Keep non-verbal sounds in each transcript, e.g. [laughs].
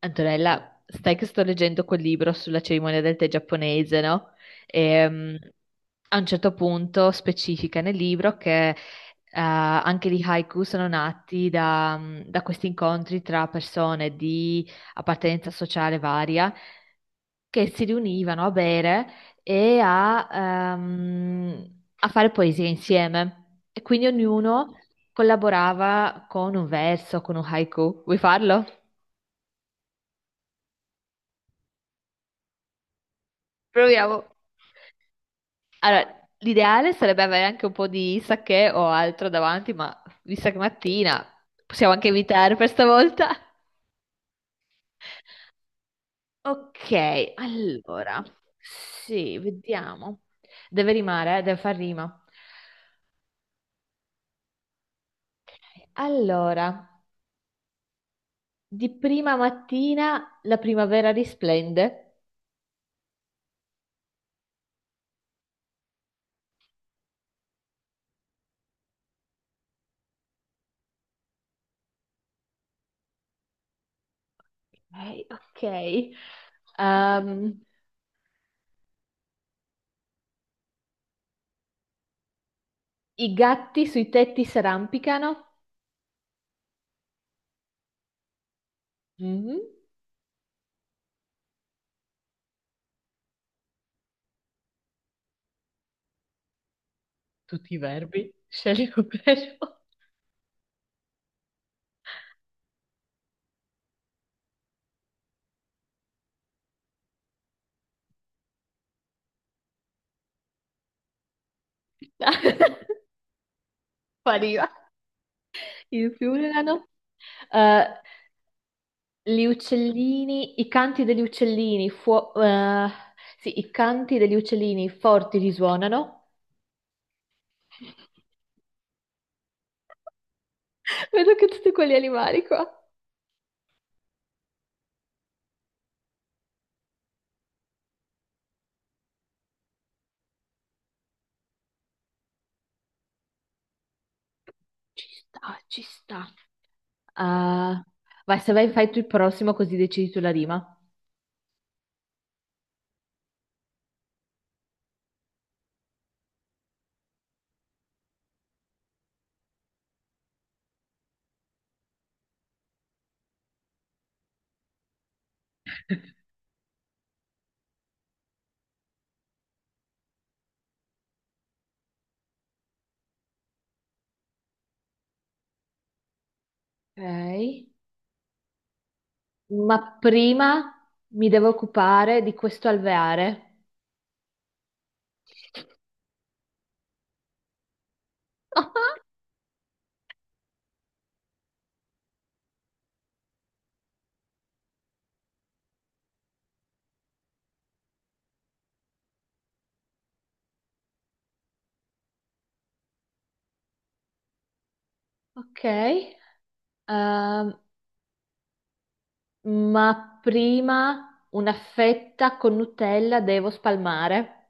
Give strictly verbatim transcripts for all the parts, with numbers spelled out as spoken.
Antonella, stai che sto leggendo quel libro sulla cerimonia del tè giapponese, no? E, mm, a un certo punto specifica nel libro che eh, anche gli haiku sono nati da, mm, da questi incontri tra persone di appartenenza sociale varia che si riunivano a bere e a, ehm, a fare poesia insieme. E quindi ognuno collaborava con un verso, con un haiku. Vuoi farlo? Proviamo. Allora, l'ideale sarebbe avere anche un po' di sake o altro davanti, ma vista che è mattina possiamo anche evitare per stavolta. Ok, allora, sì, vediamo. Deve rimare, eh, deve far rima. Allora, di prima mattina la primavera risplende. Ok, ok. Ehm, I gatti sui tetti s'arrampicano. Mhm. Tutti i verbi, scegli un verbo. [laughs] Spariva il fulgano. Eh, gli uccellini, i canti degli uccellini, fuo- eh, sì, i canti degli uccellini forti risuonano. [laughs] Vedo che tutti quegli animali qua. Ci sta, ci sta. Ah, vai, se vai, fai tu il prossimo così decidi tu la rima. Ok. Ma prima mi devo occupare di questo alveare. [laughs] Ok. Ehm, ma prima una fetta con Nutella devo spalmare.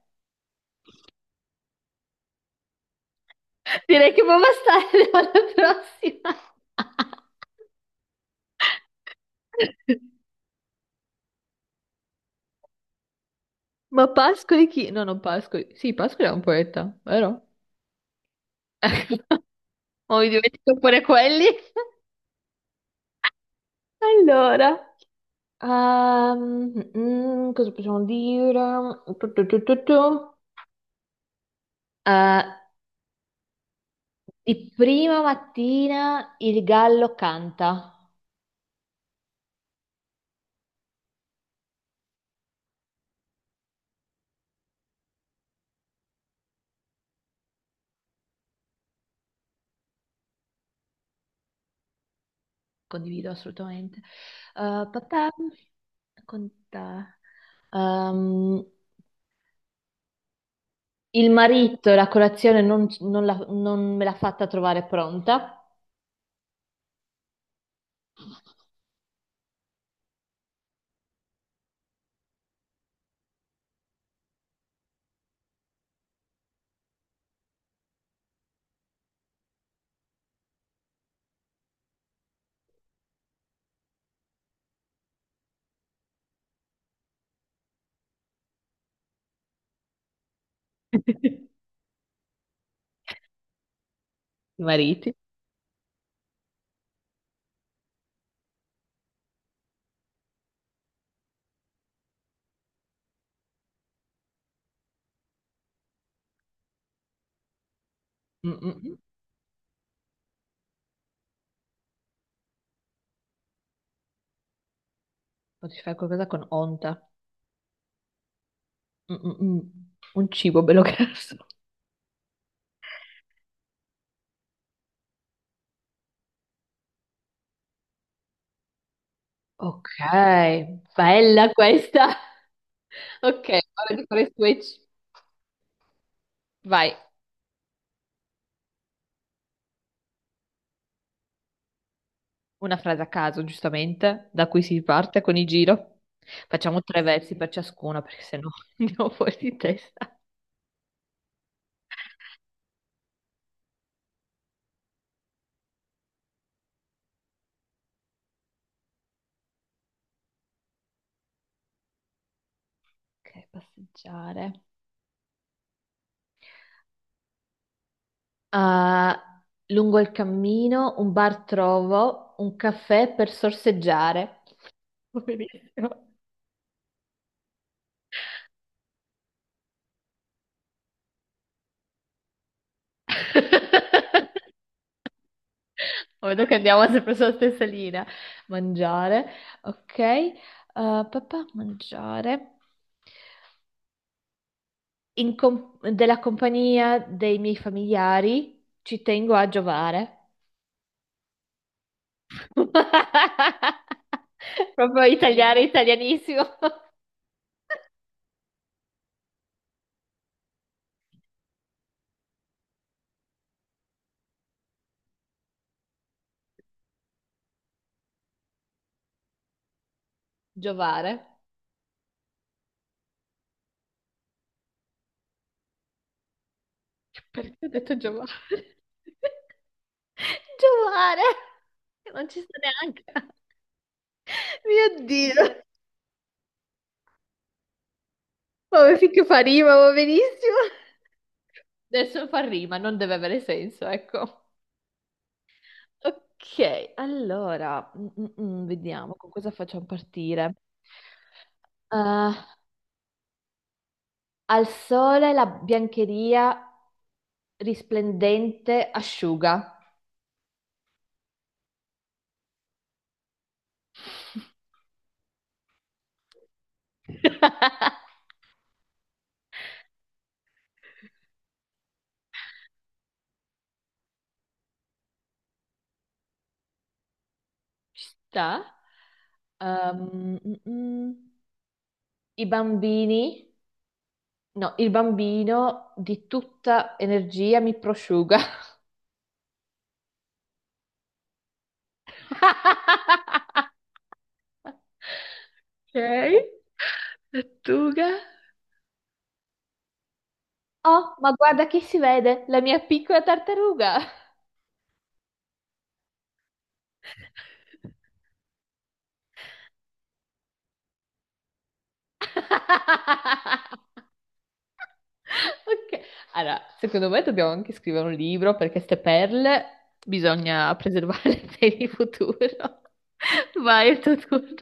Direi che può bastare [laughs] alla prossima. Ma Pascoli chi? No, non Pascoli. Sì, Pascoli è un poeta, vero? [laughs] Ma mi dimentico pure quelli. Allora, ehm, mm, cosa possiamo dire? Tu, tu, tu, tu, tu. Eh, di prima mattina il gallo canta. Condivido assolutamente. Eh, papà, con te. Ehm, il marito, la colazione non, non la- non me l'ha fatta trovare pronta. [laughs] I mariti. Mm-mm-mm. O ti fai qualcosa con onta. Mm-mm-mm. Un cibo bello grasso. Ok, bella questa. [laughs] Ok, ora di fare switch. Vai. Una frase a caso, giustamente, da cui si parte con il giro. Facciamo tre versi per ciascuno, perché sennò [laughs] andiamo fuori di testa. Ok, passeggiare. Ah, lungo il cammino, un bar trovo, un caffè per sorseggiare. Benissimo. [laughs] Vedo che andiamo sempre sulla stessa linea. Mangiare, ok. Ah, papà, mangiare. In com- della compagnia dei miei familiari ci tengo a giovare. [laughs] Proprio italiano, italianissimo. Giovare. Perché ho detto giovare? [laughs] Giovare. Non ci sto neanche. Mio Dio. Vabbè, finché fa rima, va benissimo. Adesso fa rima, non deve avere senso, ecco. Ok, allora, mm, mm, mm, vediamo con cosa facciamo partire. Eh, al sole la biancheria risplendente asciuga. [laughs] Ci sta? Ehm, mm, mm. I bambini, no, il bambino di tutta energia mi prosciuga. [laughs] Ok, lattuga. Oh, ma guarda che si vede, la mia piccola tartaruga. [laughs] Ok. Allora, secondo me dobbiamo anche scrivere un libro perché queste perle bisogna preservarle [laughs] per il futuro. Vai, è il tuo turno.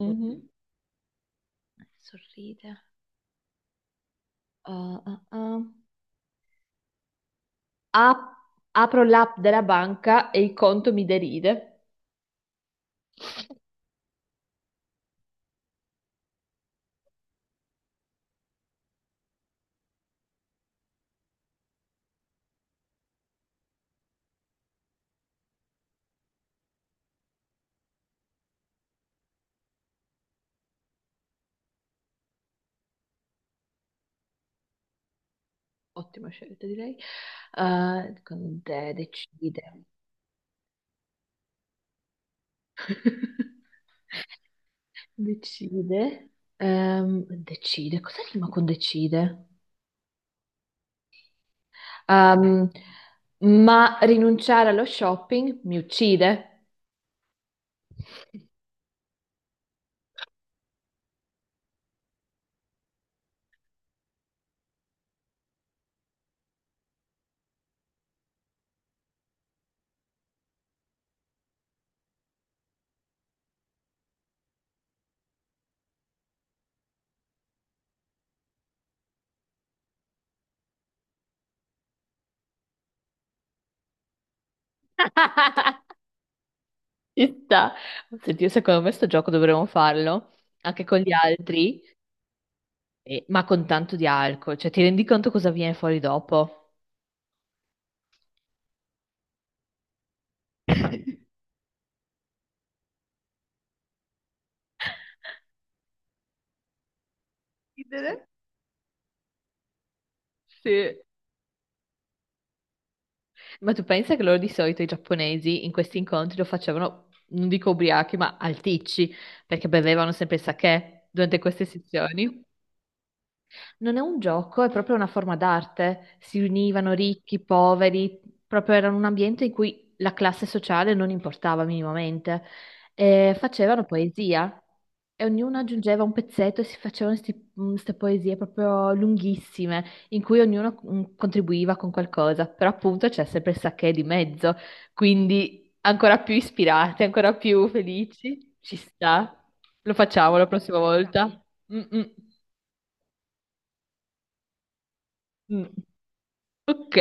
Mhm. Sorride. Ah, ah, ah. Ap- Apro l'app della banca e il conto mi deride. Ottima scelta, direi. Eh, con te decide. [laughs] Decide. Ehm, decide. Cosa rima con decide? Ehm, ma rinunciare allo shopping mi uccide. [laughs] Ci sta. Senti, io secondo me sto gioco dovremmo farlo anche con gli altri, eh, ma con tanto di alcol. Cioè, ti rendi conto cosa viene fuori dopo? Ridere? Sì. Ma tu pensa che loro di solito i giapponesi in questi incontri lo facevano, non dico ubriachi, ma alticci, perché bevevano sempre il sake durante queste sessioni? Non è un gioco, è proprio una forma d'arte. Si univano ricchi, poveri, proprio era un ambiente in cui la classe sociale non importava minimamente. E facevano poesia e ognuno aggiungeva un pezzetto e si facevano queste poesie proprio lunghissime, in cui ognuno mm, contribuiva con qualcosa. Però appunto c'è sempre il sacché di mezzo, quindi ancora più ispirati, ancora più felici. Ci sta. Lo facciamo la prossima volta. Mm, mm, mm. Ok.